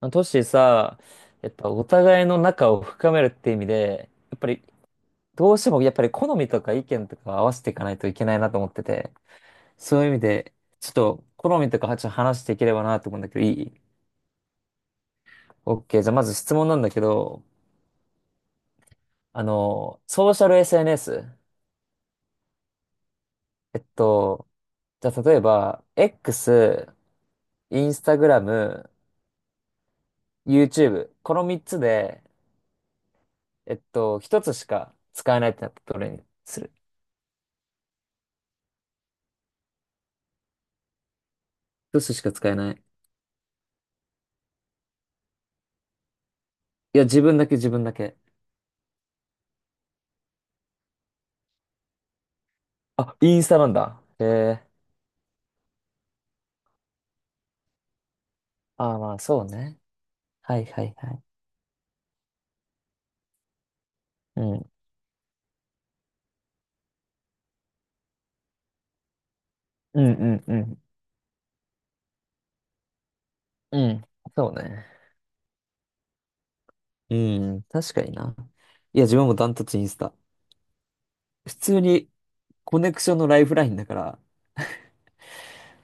まあトシさ、やっぱお互いの仲を深めるって意味で、やっぱりどうしてもやっぱり好みとか意見とか合わせていかないといけないなと思ってて、そういう意味で、ちょっと好みとかちょっと話していければなと思うんだけど、いい？ OK。じゃあまず質問なんだけど、ソーシャル SNS。えっと、じゃあ例えば、X、Instagram、YouTube。この3つで、1つしか使えないってなったらどれにする？ 1 つしか使えない。いや、自分だけ自分だけ。あ、インスタなんだ。へえ。ああ、まあ、そうね。はいはいはい。うん。うんうんうん。うん。そうね。うん。確かにな。いや、自分もダントツインスタ。普通にコネクションのライフラインだから、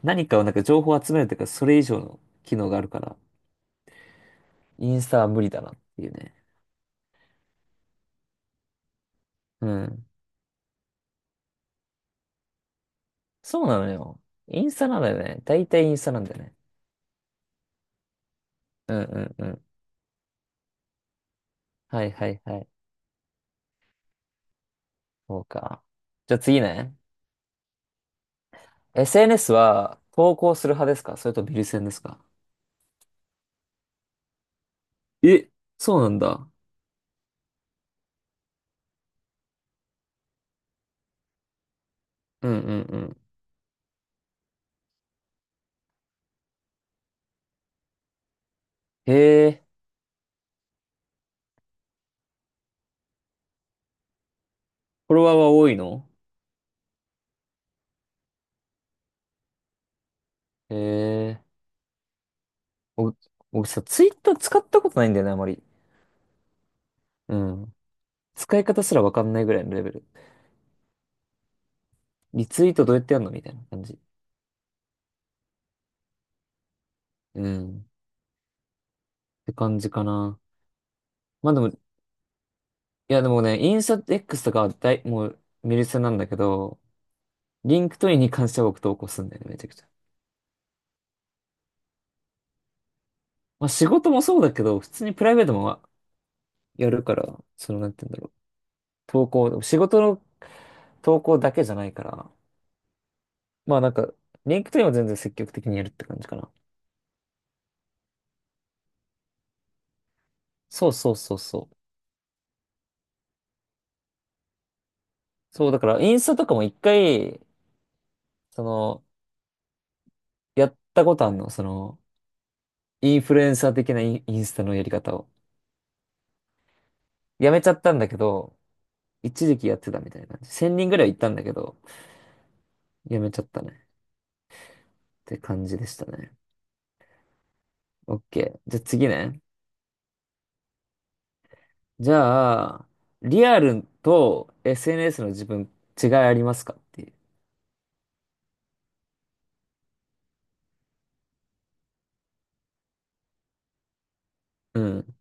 何かを情報を集めるというか、それ以上の機能があるから、インスタは無理だなっていうね。うん。そうなのよ。インスタなんだよね。大体インスタなんだよね。うんうんうん。はいはいはい。そうか。じゃあ次ね。SNS は投稿する派ですかそれとビル戦ですか？え、そうなんだ。うんうんうん。へえ、フォロワーは多いの？へえ。僕、僕さ、ツイッター使ったことないんだよね、あまり。うん。使い方すらわかんないぐらいのレベル。リツイートどうやってやるのみたいな感じ。うん。って感じかな。まあでも、いやでもね、インスタ X とかはもう見る専なんだけど、リンクトインに関しては僕投稿するんだよね、めちゃくちゃ。まあ仕事もそうだけど、普通にプライベートもやるから、なんて言うんだろう。仕事の投稿だけじゃないから、まあなんか、リンクトインは全然積極的にやるって感じかな。そうそうそうそう。そう、だからインスタとかも一回、その、やったことあんの、インフルエンサー的なインスタのやり方を。やめちゃったんだけど、一時期やってたみたいな感じ。1000人ぐらい行ったんだけど、やめちゃったね。って感じでしたね。OK。じゃあ次ね。じゃあ、リアルと SNS の自分違いありますかっていう。うん。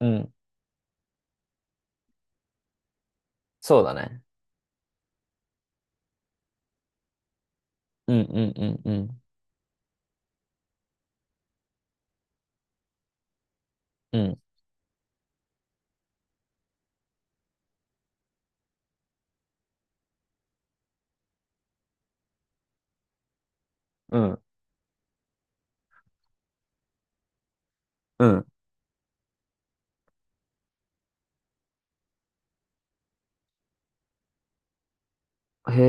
うんそうだね。うんうんうんうん。うん。うんうん。へ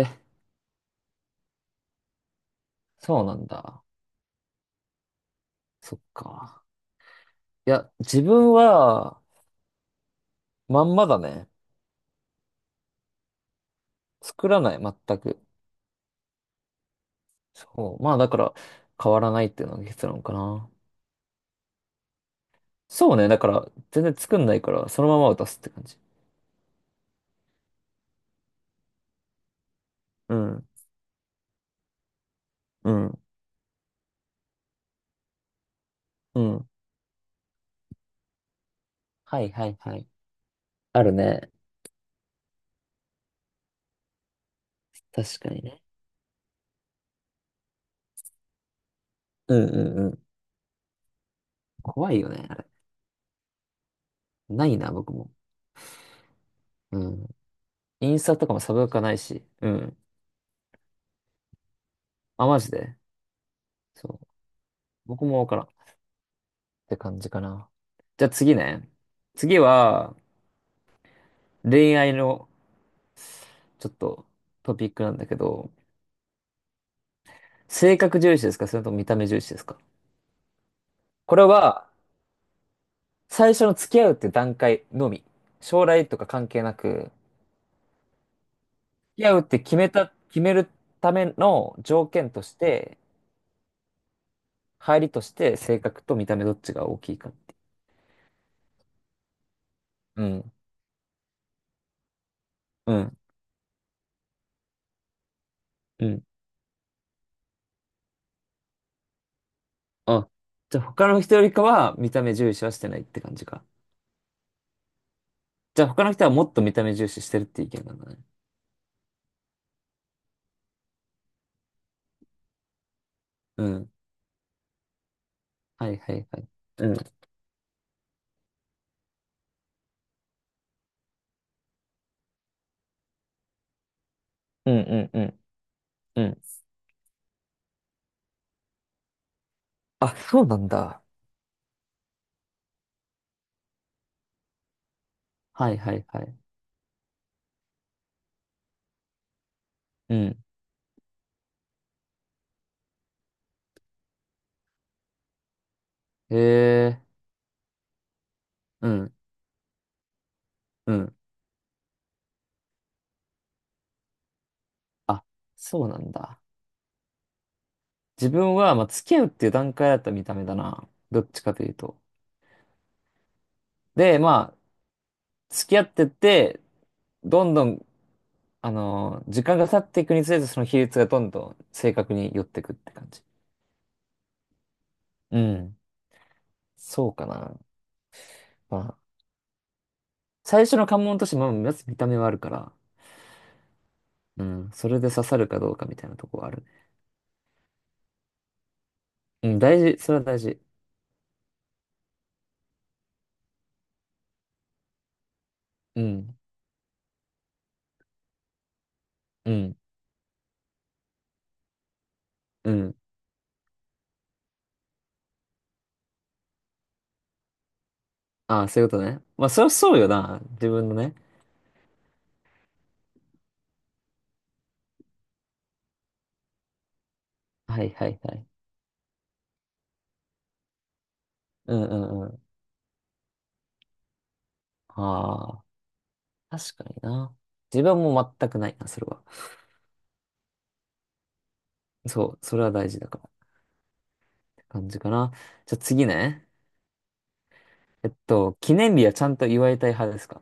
え、そうなんだ。そっか。いや、自分は、まんまだね。作らない、全く。そう。まあ、だから、変わらないっていうのが結論かな。そうね。だから、全然作んないから、そのまま渡すって感じ。うん。うん。うん。はいはいはい。あるね。確かにね。うんうんうん。怖いよね、あれ。ないな、僕も。うん。インスタとかもサブアカないし。うん。あ、マジで。そう僕もわからんって感じかな。じゃあ次ね。次は、恋愛のちょっとトピックなんだけど、性格重視ですかそれとも見た目重視ですか？これは、最初の付き合うって段階のみ。将来とか関係なく、付き合うって決めるための条件として、入りとして性格と見た目どっちが大きいかっていう。うん。うん。うん。あ、じゃあ他の人よりかは見た目重視はしてないって感じか。じゃあ他の人はもっと見た目重視してるって意見なんだね。うん。はいはいはい。うん。うんうんうんうん。あ、そうなんだ。はいはいはい。うん。へえ。うん。うん。あ、そうなんだ。自分は、まあ、付き合うっていう段階だった見た目だな。どっちかというと。で、まあ、付き合ってって、どんどん、時間が経っていくにつれて、その比率がどんどん正確に寄ってくって感じ。うん。そうかな。まあ、最初の関門として、まあ、まず見た目はあるから、うん。それで刺さるかどうかみたいなとこはあるね。うん、大事。それは大事。うん、うん。うん。ああ、そういうことね。まあ、そりゃそうよな。自分のね。はいはいはい。うんうんうん。ああ、確かにな。自分はもう全くないな、それは。そう、それは大事だからって感じかな。じゃあ次ね。記念日はちゃんと祝いたい派ですか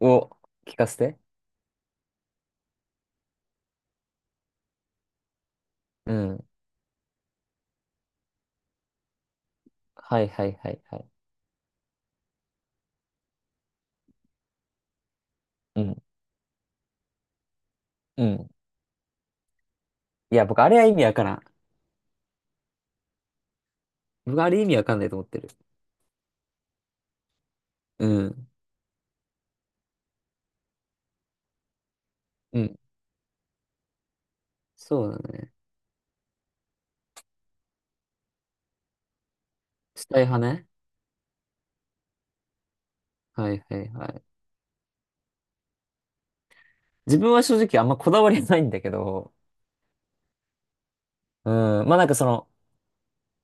を聞かせて。うん。はいはいはいはい。うん、うん、いや、僕あれは意味わからん。僕あれ意味わかんないと思ってる。うんうん。そうだね。伝え派ね。はいはいはい。自分は正直あんまこだわりないんだけど、うん、まあなんか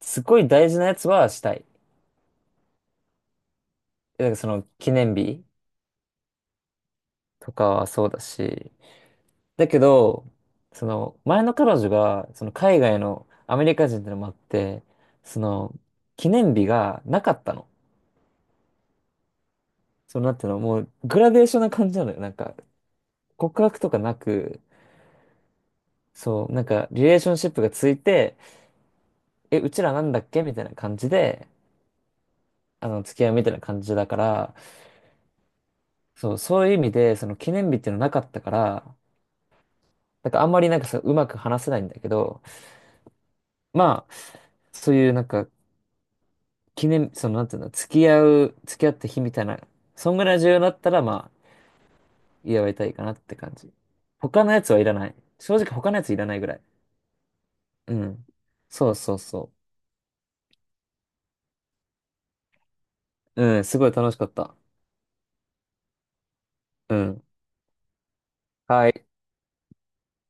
すごい大事なやつはしたい。なんか記念日とかはそうだし、だけど、前の彼女が、その海外のアメリカ人ってのもあって、その、記念日がなかったの。なんていうの、もうグラデーションな感じなのよ。なんか、告白とかなく、そう、なんか、リレーションシップがついて、え、うちらなんだっけみたいな感じで、付き合いみたいな感じだから、そう、そういう意味で、その記念日っていうのなかったから、なんかあんまりなんかそう、うまく話せないんだけど、まあ、そういうなんか、記念、その、なんていうの、付き合った日みたいな、そんぐらい重要だったら、まあ、祝いたいかなって感じ。他のやつはいらない。正直他のやついらないぐらい。うん。そうそうそう。うん、すごい楽しかった。うん。はい。